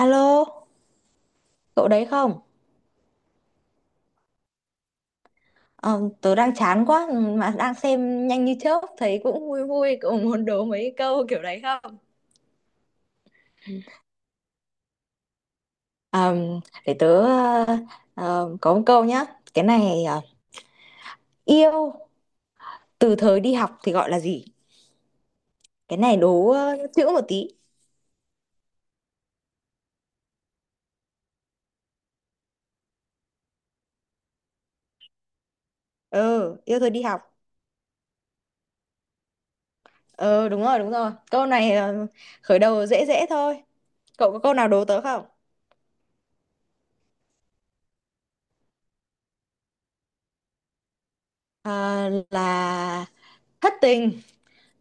Alo, cậu đấy không? Ờ, tớ đang chán quá mà đang xem nhanh như chớp thấy cũng vui vui cậu muốn đố mấy câu kiểu đấy không? Ờ, để tớ, có một câu nhá. Cái này yêu từ thời đi học thì gọi là gì? Cái này đố chữ một tí. Ừ, yêu thời đi học. Ừ, đúng rồi, đúng rồi. Câu này khởi đầu dễ dễ thôi. Cậu có câu nào đố tớ không? Ờ, là thất tình.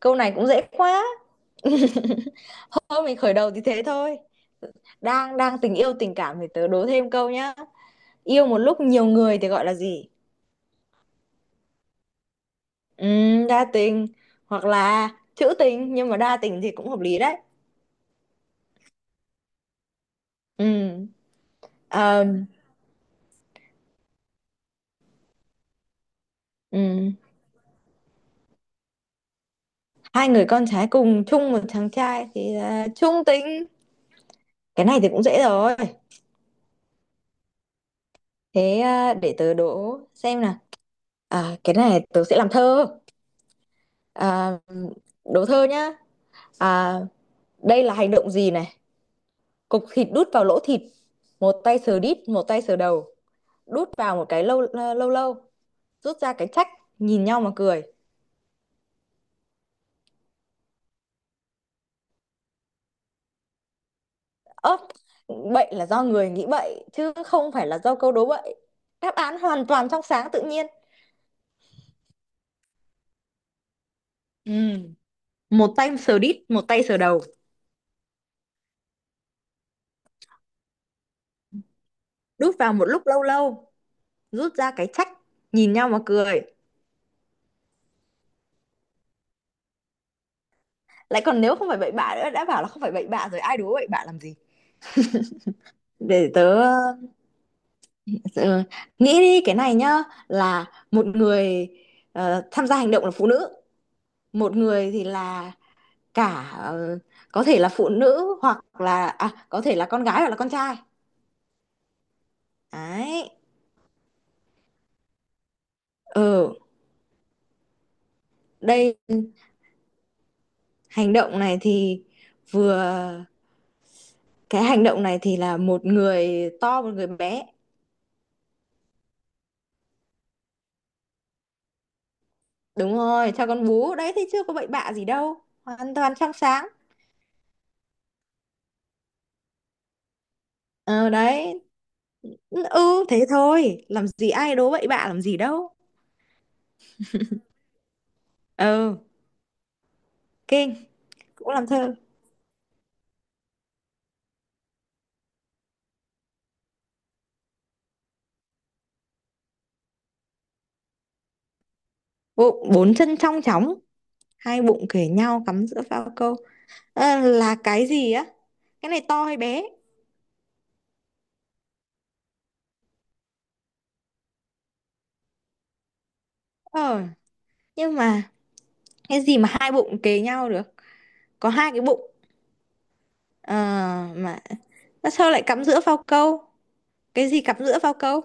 Câu này cũng dễ quá. Thôi mình khởi đầu thì thế thôi. Đang đang tình yêu tình cảm thì tớ đố thêm câu nhá. Yêu một lúc nhiều người thì gọi là gì? Đa tình, hoặc là trữ tình, nhưng mà đa tình thì cũng hợp lý đấy. Ừm, ờm, ừm. Hai người con trai cùng chung một chàng trai thì là chung tình. Cái này thì cũng dễ rồi. Thế à, để tớ đố xem nào. À, cái này tớ sẽ làm thơ. À, đố thơ nhá. À, đây là hành động gì này? Cục thịt đút vào lỗ thịt, một tay sờ đít một tay sờ đầu, đút vào một cái lâu, lâu lâu, rút ra cái trách, nhìn nhau mà cười. Ớp. Bệnh là do người nghĩ bậy chứ không phải là do câu đố bậy. Đáp án hoàn toàn trong sáng tự nhiên. Ừ. Một tay sờ đít một tay sờ đầu, đút vào một lúc lâu lâu, rút ra cái trách, nhìn nhau mà cười. Lại còn nếu không phải bậy bạ nữa, đã bảo là không phải bậy bạ rồi, ai đố bậy bạ làm gì. Để tớ, ừ, nghĩ đi cái này nhá. Là một người, tham gia hành động là phụ nữ. Một người thì là cả, có thể là phụ nữ, hoặc là, à, có thể là con gái hoặc là con trai. Đấy. Ở đây hành động này thì vừa, cái hành động này thì là một người to một người bé. Đúng rồi, cho con bú đấy thì chưa có bậy bạ gì đâu, hoàn toàn trong sáng. Ờ, đấy. Ừ, thế thôi, làm gì ai đố bậy bạ làm gì đâu. Ờ. Kinh. Cũng làm thơ. Bốn chân trong chóng, hai bụng kề nhau, cắm giữa phao câu. Ờ, là cái gì á? Cái này to hay bé? Ờ, nhưng mà cái gì mà hai bụng kề nhau được? Có hai cái bụng. Ờ, mà mà sao lại cắm giữa phao câu? Cái gì cắm giữa phao câu?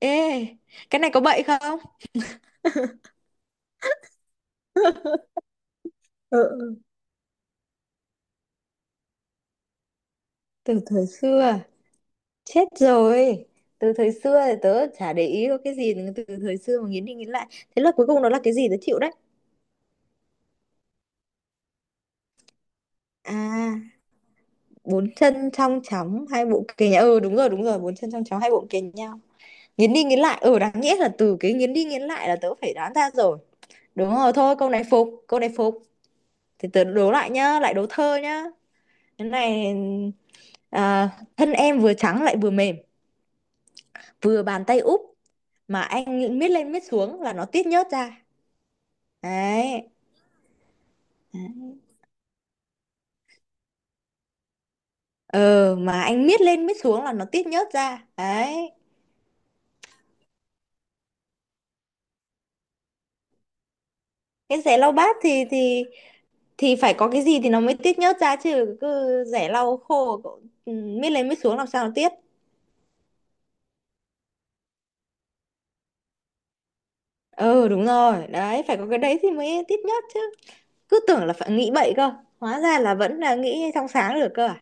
Ê, cái này có bậy không? Ừ, ừ, từ thời xưa. Chết rồi, từ thời xưa thì tớ chả để ý có cái gì từ thời xưa mà nghiến đi nghiến lại. Thế là cuối cùng nó là cái gì, tớ chịu đấy. À, bốn chân trong chóng, hai bụng kề nhau, ừ đúng rồi đúng rồi, bốn chân trong chóng hai bụng kề nhau, nghiến đi nghiến lại. Ừ, đáng nhẽ là từ cái nghiến đi nghiến lại là tớ phải đoán ra rồi. Đúng rồi, thôi câu này phục, câu này phục. Thì tớ đố lại nhá, lại đố thơ nhá. Cái này, à, thân em vừa trắng lại vừa mềm, vừa bàn tay úp, mà anh miết lên miết xuống là nó tiết nhớt ra đấy. Đấy. Ờ mà anh miết lên miết xuống là nó tiết nhớt ra đấy. Cái rẻ lau bát thì, thì phải có cái gì thì nó mới tiết nhớt ra chứ, cứ rẻ lau khô cậu, miết lên miết xuống làm sao nó tiết. Ừ đúng rồi đấy, phải có cái đấy thì mới tít nhất chứ. Cứ tưởng là phải nghĩ bậy cơ, hóa ra là vẫn là nghĩ trong sáng được cơ à.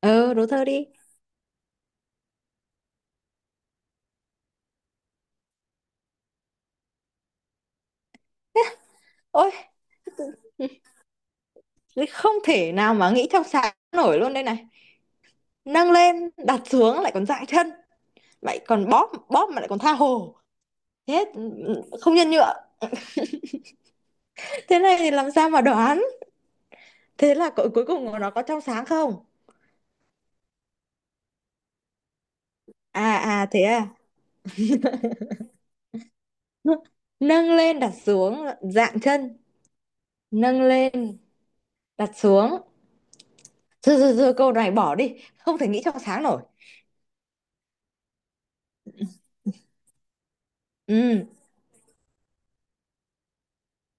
Ừ, đố thơ đi. Ôi. Đấy, không thể nào mà nghĩ trong sáng nổi luôn đây này. Nâng lên đặt xuống lại còn dại chân, lại còn bóp bóp mà lại còn tha hồ. Thế không nhân nhượng, thế này thì làm sao mà đoán? Thế là cuối cùng của nó có trong sáng không? À à, Thế à. Nâng lên đặt xuống dạn chân, nâng lên đặt xuống. Thôi, thôi, thôi, câu này bỏ đi, không thể nghĩ trong sáng nổi. Ừ,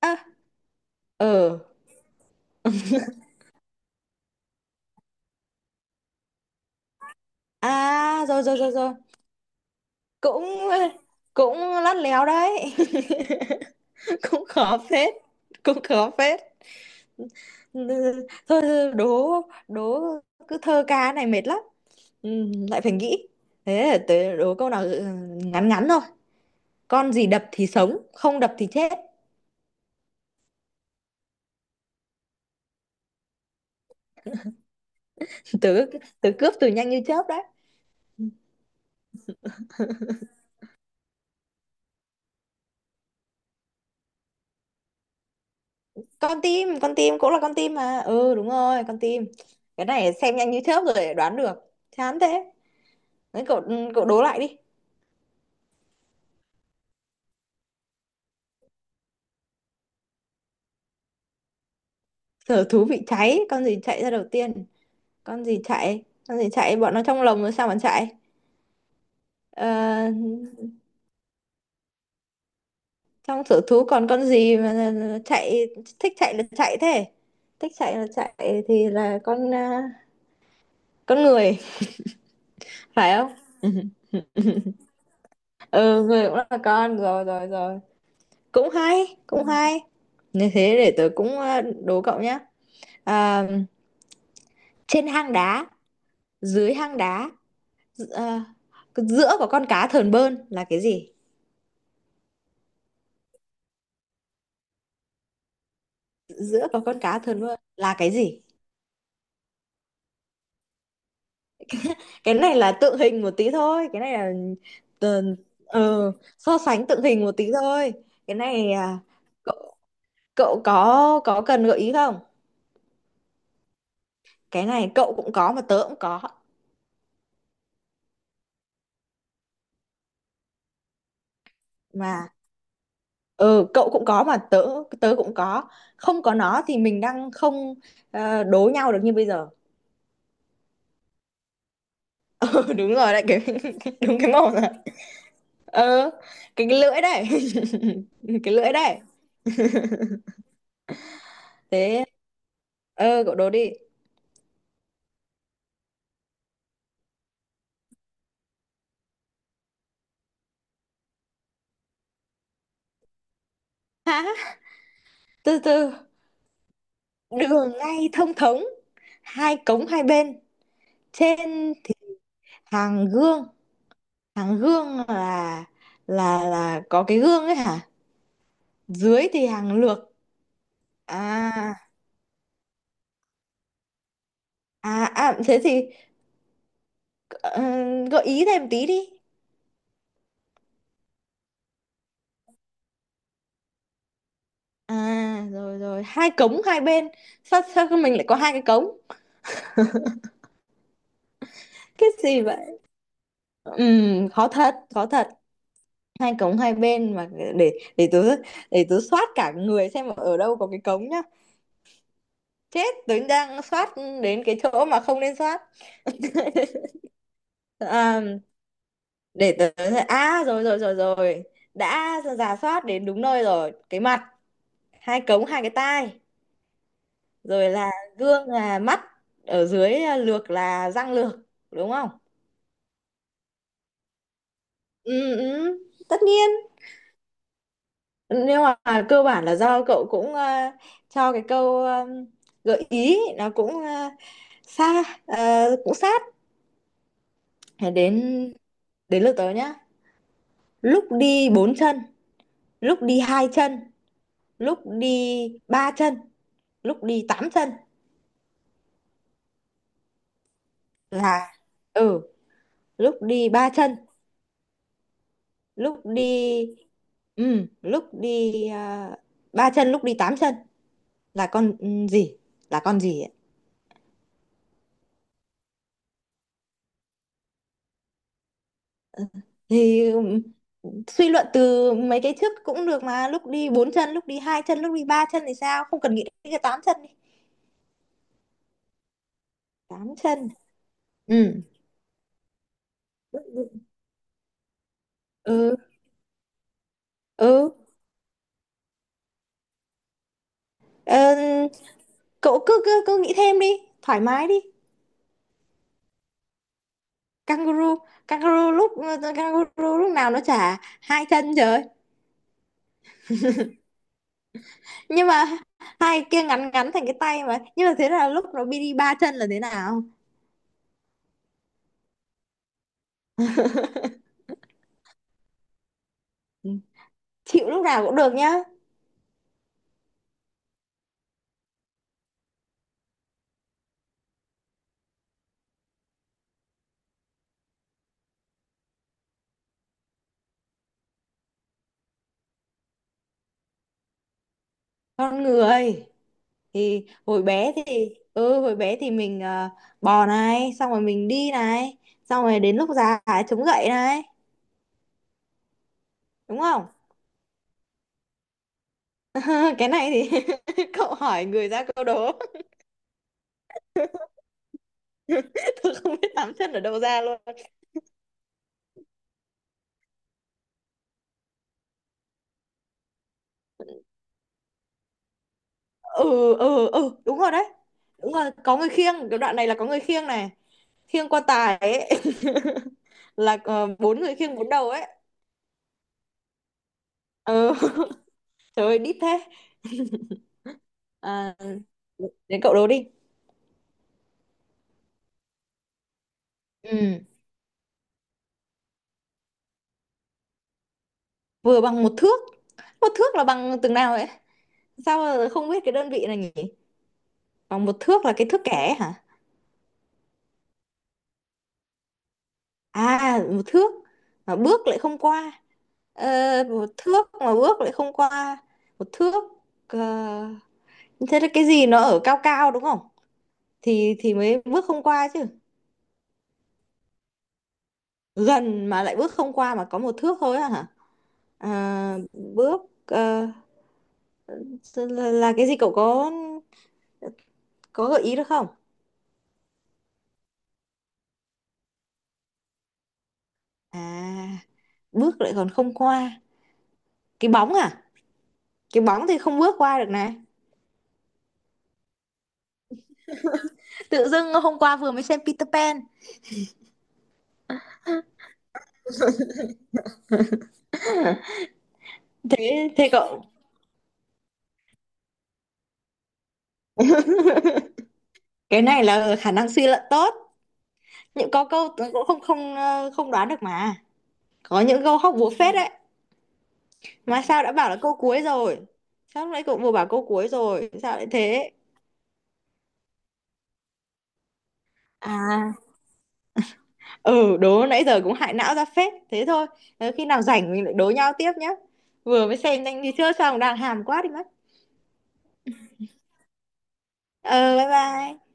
à, ờ, à, rồi, rồi, rồi, rồi. Cũng, cũng lắt léo đấy. Cũng khó phết, cũng khó phết. Ừ, thôi, thôi, đố, đố, cứ thơ ca này mệt lắm. Ừ, lại phải nghĩ. Thế, tớ đố câu nào ngắn ngắn thôi. Con gì đập thì sống, không đập thì chết? Tớ, tớ cướp từ nhanh như chớp đấy. Con tim, con tim cũng là con tim mà, ừ đúng rồi, con tim. Cái này xem nhanh như chớp rồi đoán được, chán thế. Đấy cậu, ừ, đố lại đi. Sở thú bị cháy, con gì chạy ra đầu tiên? Con gì chạy, con gì chạy, bọn nó trong lồng rồi sao mà chạy? Ờ, trong sở thú còn con gì mà chạy? Thích chạy là chạy thế, thích chạy là chạy thì là con, con người. Phải không? Ừ, người cũng là con, rồi rồi rồi. Cũng hay, cũng hay. Như thế để tớ cũng, đố cậu nhé. Ờ, trên hang đá, dưới hang đá, ờ, giữa có con cá thờn bơn là cái gì? Giữa có con cá thờn bơn là cái gì? Cái này là tượng hình một tí thôi, cái này là, ờ, ờ, so sánh tượng hình một tí thôi. Cái này, à, cậu, cậu có cần gợi ý không? Cái này cậu cũng có mà tớ cũng có. Mà, ừ cậu cũng có mà tớ tớ cũng có. Không có nó thì mình đang không, đố nhau được như bây giờ. Ừ, đúng rồi đấy cái đúng cái màu rồi. Ờ, cái lưỡi đấy. Cái lưỡi đấy. Thế cậu đố đi. Hả? Từ từ. Đường ngay thông thống, hai cống hai bên, trên hàng gương. Hàng gương là, có cái gương ấy hả? Dưới thì hàng lược. à À, thế thì, ờ, gợi ý thêm tí đi. À rồi rồi, hai cống hai bên. Sao Sao mình lại có hai cái cống? Cái gì vậy? Khó thật, khó thật. Hai cống hai bên mà. Để tớ, để tớ soát cả người xem ở đâu có cái cống nhá. Chết, tớ đang soát đến cái chỗ mà không nên soát. À, để tớ. À rồi rồi rồi rồi, đã rà soát đến đúng nơi rồi, cái mặt. Hai cống hai cái tai, rồi là gương là mắt, ở dưới, à, lược là răng lược, đúng không? Ừ, ừ, tất nhiên. Nhưng mà cơ bản là do cậu cũng, cho cái câu, gợi ý nó cũng, xa, cũng sát. Thế đến đến lượt tớ nhá. Lúc đi bốn chân, lúc đi hai chân, lúc đi ba chân, lúc đi tám chân là, ừ, lúc đi ba chân, lúc đi ừ lúc đi ờ, ba chân, lúc đi tám chân là con, gì, là con gì ấy? Thì suy luận từ mấy cái trước cũng được, mà lúc đi bốn chân lúc đi hai chân lúc đi ba chân thì sao không cần nghĩ đến cái tám chân đi. Tám chân. Ừ ừ ừ. Ờ, cậu cứ cứ cứ nghĩ thêm đi, thoải mái đi. Kangaroo kangaroo lúc kangaroo lúc nào nó chả hai chân trời. Nhưng mà hai kia ngắn ngắn thành cái tay mà, nhưng mà thế là lúc nó đi đi ba chân là thế nào? Ừ, chịu, lúc nào cũng được nhá. Con người thì hồi bé thì, mình, bò này, xong rồi mình đi này, xong rồi đến lúc già phải chống gậy này, đúng không? Cái này thì, cậu hỏi người ra câu đố. Tôi không biết tám chân ở đâu ra luôn. Ừ ừ ừ, đúng rồi đấy, đúng rồi, có người khiêng, cái đoạn này là có người khiêng này, khiêng quan tài ấy. Là, bốn người khiêng bốn đầu ấy. Ừ. Trời ơi đít thế. À, đến cậu đố đi. Ừ, vừa bằng một thước. Một thước là bằng từng nào ấy? Sao mà không biết cái đơn vị này nhỉ. Bằng một thước là cái thước kẻ hả? À, một thước mà bước lại không qua. ờ, Một thước mà bước lại không qua. Một thước, ờ, thế là cái gì nó ở cao cao đúng không, thì mới bước không qua chứ. Gần mà lại bước không qua mà có một thước thôi á hả? À, bước, là cái gì, cậu có gợi ý được không? À, bước lại còn không qua. Cái bóng à? Cái bóng thì không bước qua được này. Tự dưng hôm qua vừa mới xem Peter Pan. Thế Thế cậu, cái này là khả năng suy luận tốt. Những có câu cũng không không ờ, không đoán được mà, có những câu hóc búa phết đấy. Mà sao đã bảo là câu cuối rồi, sao lúc nãy cậu vừa bảo câu cuối rồi sao lại thế? À, ừ, đố nãy giờ cũng hại não ra phết thế thôi. Ờ, khi nào rảnh mình lại đố nhau tiếp nhé, vừa mới xem nhanh đi chưa xong đang hàm quá đi mất. Ờ, bye bye.